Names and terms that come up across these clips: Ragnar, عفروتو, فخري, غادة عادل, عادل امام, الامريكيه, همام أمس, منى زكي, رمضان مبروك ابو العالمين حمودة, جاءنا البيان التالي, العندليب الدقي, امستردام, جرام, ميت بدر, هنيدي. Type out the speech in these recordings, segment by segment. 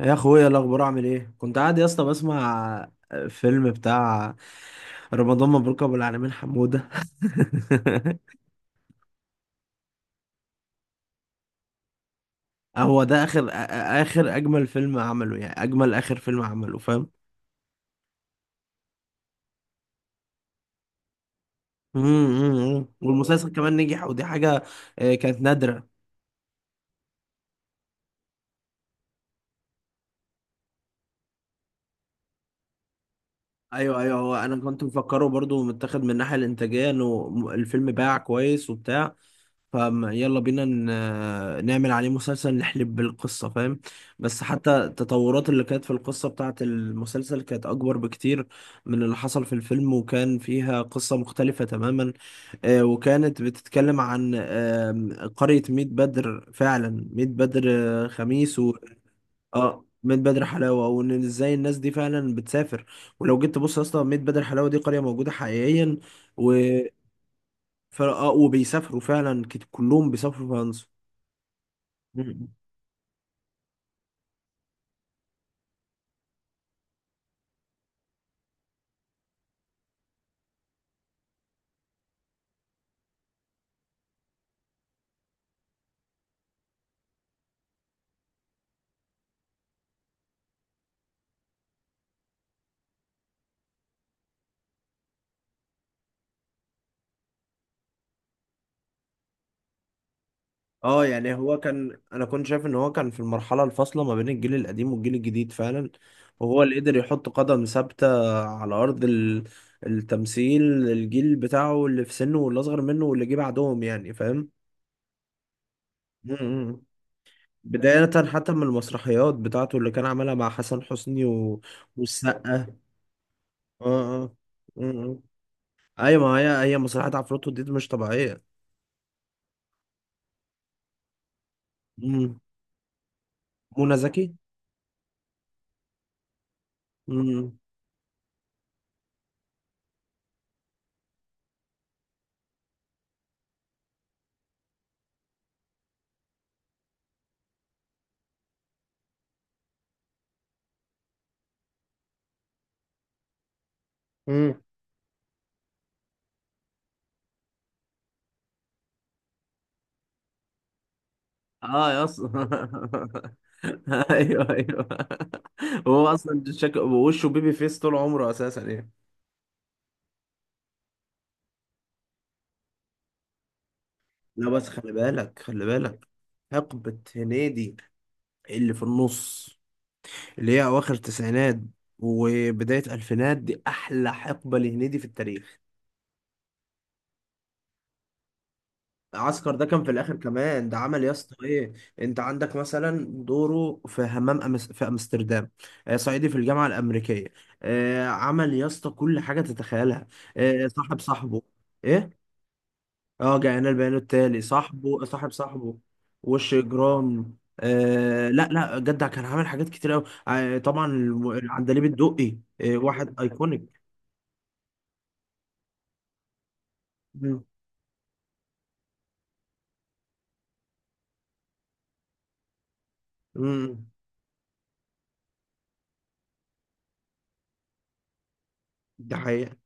يا اخويا، إيه الاخبار؟ عامل ايه؟ كنت قاعد يا اسطى بسمع فيلم بتاع رمضان مبروك ابو العالمين حمودة. هو ده اخر اجمل فيلم عمله، يعني اجمل اخر فيلم عمله، فاهم؟ أمم، أمم، أمم. والمسلسل كمان نجح، ودي حاجة. آه، كانت نادرة. ايوه، ايوه، هو انا كنت مفكره برضو متاخد من الناحيه الانتاجيه انه الفيلم باع كويس وبتاع. فيلا بينا نعمل عليه مسلسل، نحلب بالقصه، فاهم؟ بس حتى التطورات اللي كانت في القصه بتاعه المسلسل كانت اكبر بكتير من اللي حصل في الفيلم، وكان فيها قصه مختلفه تماما. وكانت بتتكلم عن قريه ميت بدر، فعلا ميت بدر. خميس. اه، ميت بدر حلاوه، وان ازاي الناس دي فعلا بتسافر. ولو جيت تبص اصلا ميت بدر حلاوه دي قريه موجوده حقيقيا. و ف... آه وبيسافروا فعلا كلهم بيسافروا فرنسا. مم. اه، يعني هو كان انا كنت شايف ان هو كان في المرحله الفاصله ما بين الجيل القديم والجيل الجديد فعلا. وهو اللي قدر يحط قدم ثابته على ارض التمثيل. الجيل بتاعه، اللي في سنه واللي اصغر منه واللي جه بعدهم، يعني فاهم؟ مم. بداية حتى من المسرحيات بتاعته اللي كان عملها مع حسن حسني والسقا. اه، اه. م- م. ايوه، ما هي مسرحيات عفروتو دي مش طبيعية. م. منى زكي. م. امم. اه يا اصلا. ايوه، ايوه. هو اصلا شكله وشه بيبي فيس طول عمره اساسا يعني. لا، بس خلي بالك خلي بالك. حقبة هنيدي اللي في النص، اللي هي اواخر تسعينات وبدايه الفينات، دي احلى حقبه لهنيدي في التاريخ. عسكر ده كان في الاخر كمان. ده عمل يا اسطى ايه؟ انت عندك مثلا دوره في همام أمس في امستردام. صعيدي في الجامعه الامريكيه. عمل يا اسطى كل حاجه تتخيلها. صاحب صاحبه. ايه. اه، جاءنا البيان التالي، صاحبه، صاحب صاحبه. وش جرام. آه، لا، لا، جدع كان عامل حاجات كتير قوي. آه طبعا، العندليب الدقي، واحد ايكونيك. امم. ده حقيقة.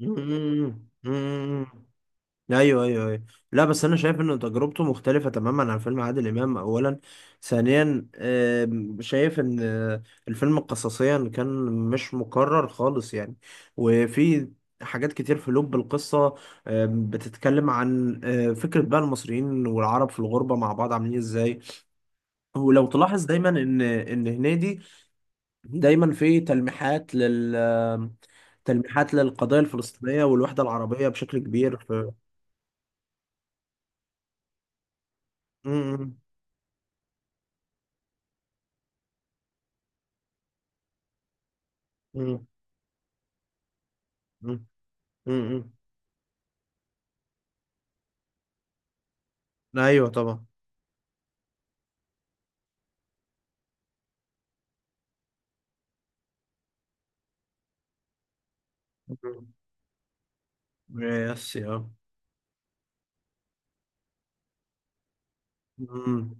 امم، امم. ايوه، ايوه، ايوه. لا، بس انا شايف ان تجربته مختلفة تماما عن فيلم عادل امام اولا. ثانيا، شايف ان الفيلم قصصيا كان مش مكرر خالص يعني. وفي حاجات كتير في لب القصة، بتتكلم عن فكرة بقى المصريين والعرب في الغربة مع بعض عاملين ازاي. ولو تلاحظ دايما ان هنيدي دايما في تلميحات تلميحات للقضية الفلسطينية والوحدة العربية بشكل كبير في... مم. مم. مم. مم. ايوه طبعا. مم. يس يا. مم.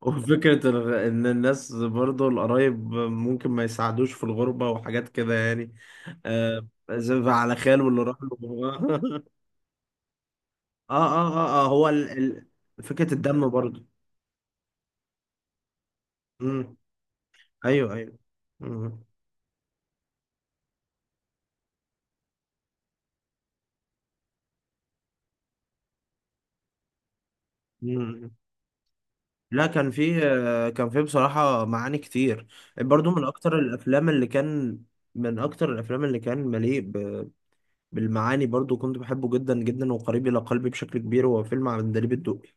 وفكرة إن الناس برضو القرايب ممكن ما يساعدوش في الغربة، وحاجات كده يعني. زي على خاله اللي راح له. آه، آه، آه، آه، هو فكرة الدم برضو. مم. أيوه، أيوه. مم. مم. لا، كان فيه بصراحة معاني كتير. برضو من أكتر الأفلام اللي كان مليء بالمعاني، برضو كنت بحبه جدا جدا وقريب إلى قلبي بشكل كبير. هو فيلم عندليب الدقي.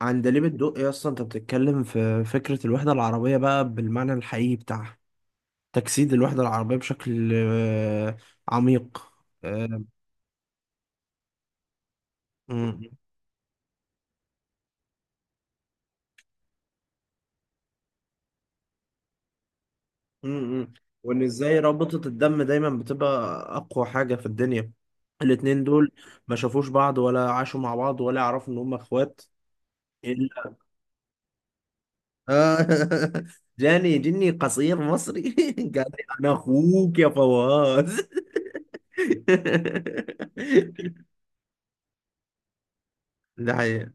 عندليب الدقي أصلا أنت بتتكلم في فكرة الوحدة العربية بقى بالمعنى الحقيقي بتاعها. تجسيد الوحدة العربية بشكل عميق. آه، امم. وان ازاي رابطة الدم دايما بتبقى اقوى حاجة في الدنيا. الاتنين دول ما شافوش بعض ولا عاشوا مع بعض ولا يعرفوا ان هم اخوات. الا. جاني جني قصير مصري. قال لي انا اخوك يا فواز. ده حقيقة.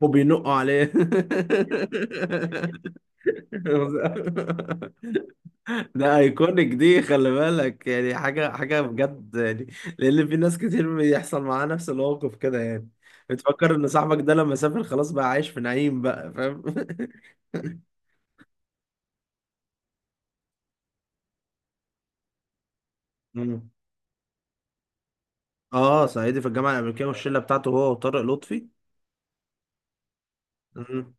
وبينقوا عليه. ده ايكونيك، دي خلي بالك يعني حاجه حاجه بجد يعني. لان في ناس كتير بيحصل معاها نفس الموقف كده يعني. بتفكر ان صاحبك ده لما سافر خلاص بقى عايش في نعيم بقى، فاهم؟ مم. اه، صعيدي في الجامعه الامريكيه والشله بتاعته هو وطارق لطفي. مم.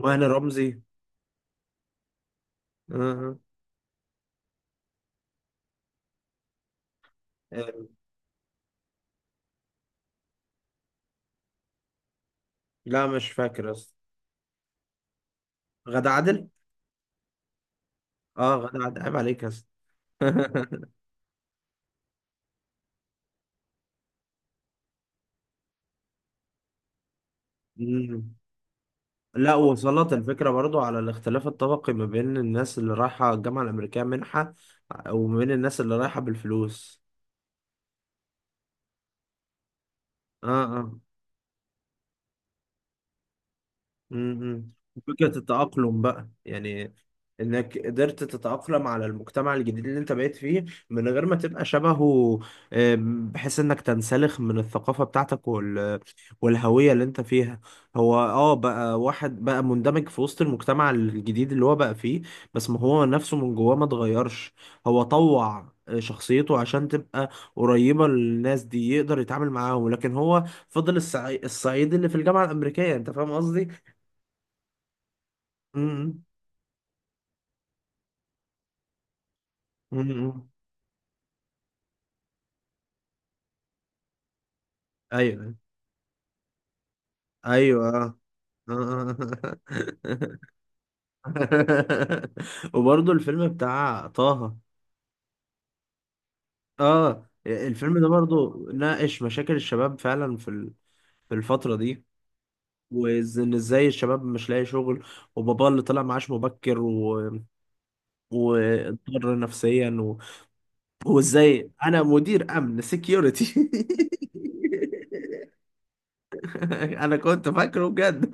وهاني رمزي. آه. آه. لا، مش فاكر اصلا. غادة عادل. اه، غادة عادل، عيب عليك يا اسطى. لا، وصلت الفكرة برضو على الاختلاف الطبقي ما بين الناس اللي رايحة الجامعة الأمريكية منحة، وما بين الناس اللي رايحة بالفلوس. اه، اه. امم. فكرة التأقلم بقى يعني. انك قدرت تتأقلم على المجتمع الجديد اللي انت بقيت فيه من غير ما تبقى شبهه. بحيث انك تنسلخ من الثقافة بتاعتك والهوية اللي انت فيها. هو بقى واحد بقى مندمج في وسط المجتمع الجديد اللي هو بقى فيه. بس ما هو نفسه من جواه ما اتغيرش. هو طوع شخصيته عشان تبقى قريبة للناس دي يقدر يتعامل معاهم، لكن هو فضل الصعيد اللي في الجامعة الأمريكية، انت فاهم قصدي؟ امم. امم. ايوه، ايوه. آه. آه. وبرضه الفيلم بتاع طه. اه، الفيلم ده برضه ناقش مشاكل الشباب فعلا في الفترة دي. وان ازاي الشباب مش لاقي شغل. وباباه اللي طلع معاش مبكر واضطر نفسيا وازاي انا مدير امن سكيورتي. انا كنت فاكره بجد.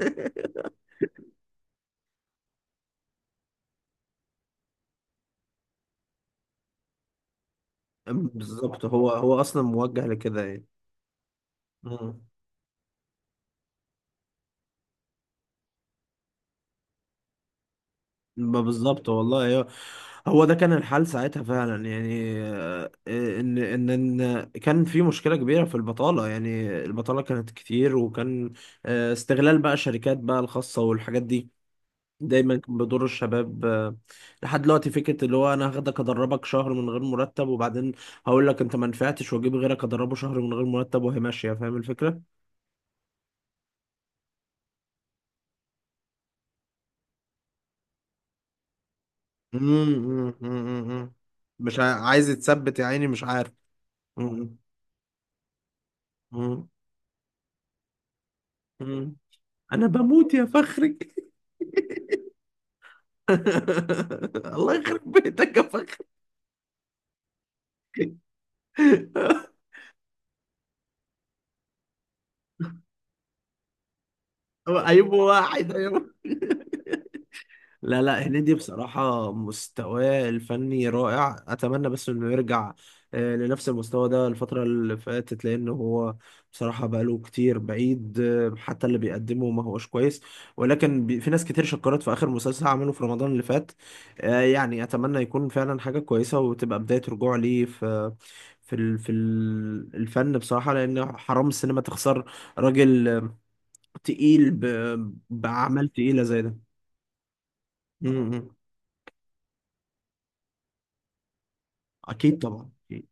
بالظبط، هو هو اصلا موجه لكده يعني. مم. ما بالظبط والله. هو هو ده كان الحال ساعتها فعلا يعني، ان ان كان في مشكله كبيره في البطاله، يعني البطاله كانت كتير، وكان استغلال بقى الشركات بقى الخاصه والحاجات دي دايما كان بيضر الشباب، لحد دلوقتي فكره اللي هو انا هاخدك ادربك شهر من غير مرتب، وبعدين هقول لك انت ما نفعتش، واجيب غيرك ادربه شهر من غير مرتب، وهي ماشيه، فاهم الفكره؟ امم، امم، امم، مش عايز يتثبت يا عيني، مش عارف. امم، امم، امم. انا بموت يا فخري! الله يخرب بيتك يا فخري! ايوب واحد. لا، لا، هنيدي بصراحة مستواه الفني رائع، أتمنى بس إنه يرجع لنفس المستوى ده. الفترة اللي فاتت لأن هو بصراحة بقاله كتير بعيد، حتى اللي بيقدمه ما هوش كويس. ولكن في ناس كتير شكرت في آخر مسلسل عمله في رمضان اللي فات. يعني أتمنى يكون فعلا حاجة كويسة وتبقى بداية رجوع ليه في الفن بصراحة، لأن حرام السينما تخسر راجل تقيل بأعمال تقيلة زي ده. م- م. اكيد طبعا اكيد.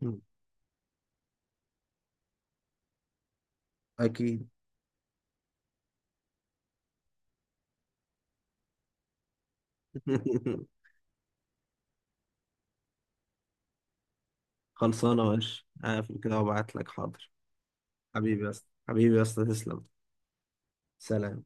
مم. اكيد. خلصانه، ماشي، هقفل كده وابعت لك، حاضر. حبيبي يا اسطى، حبيبي يا اسطى، تسلم. سلام.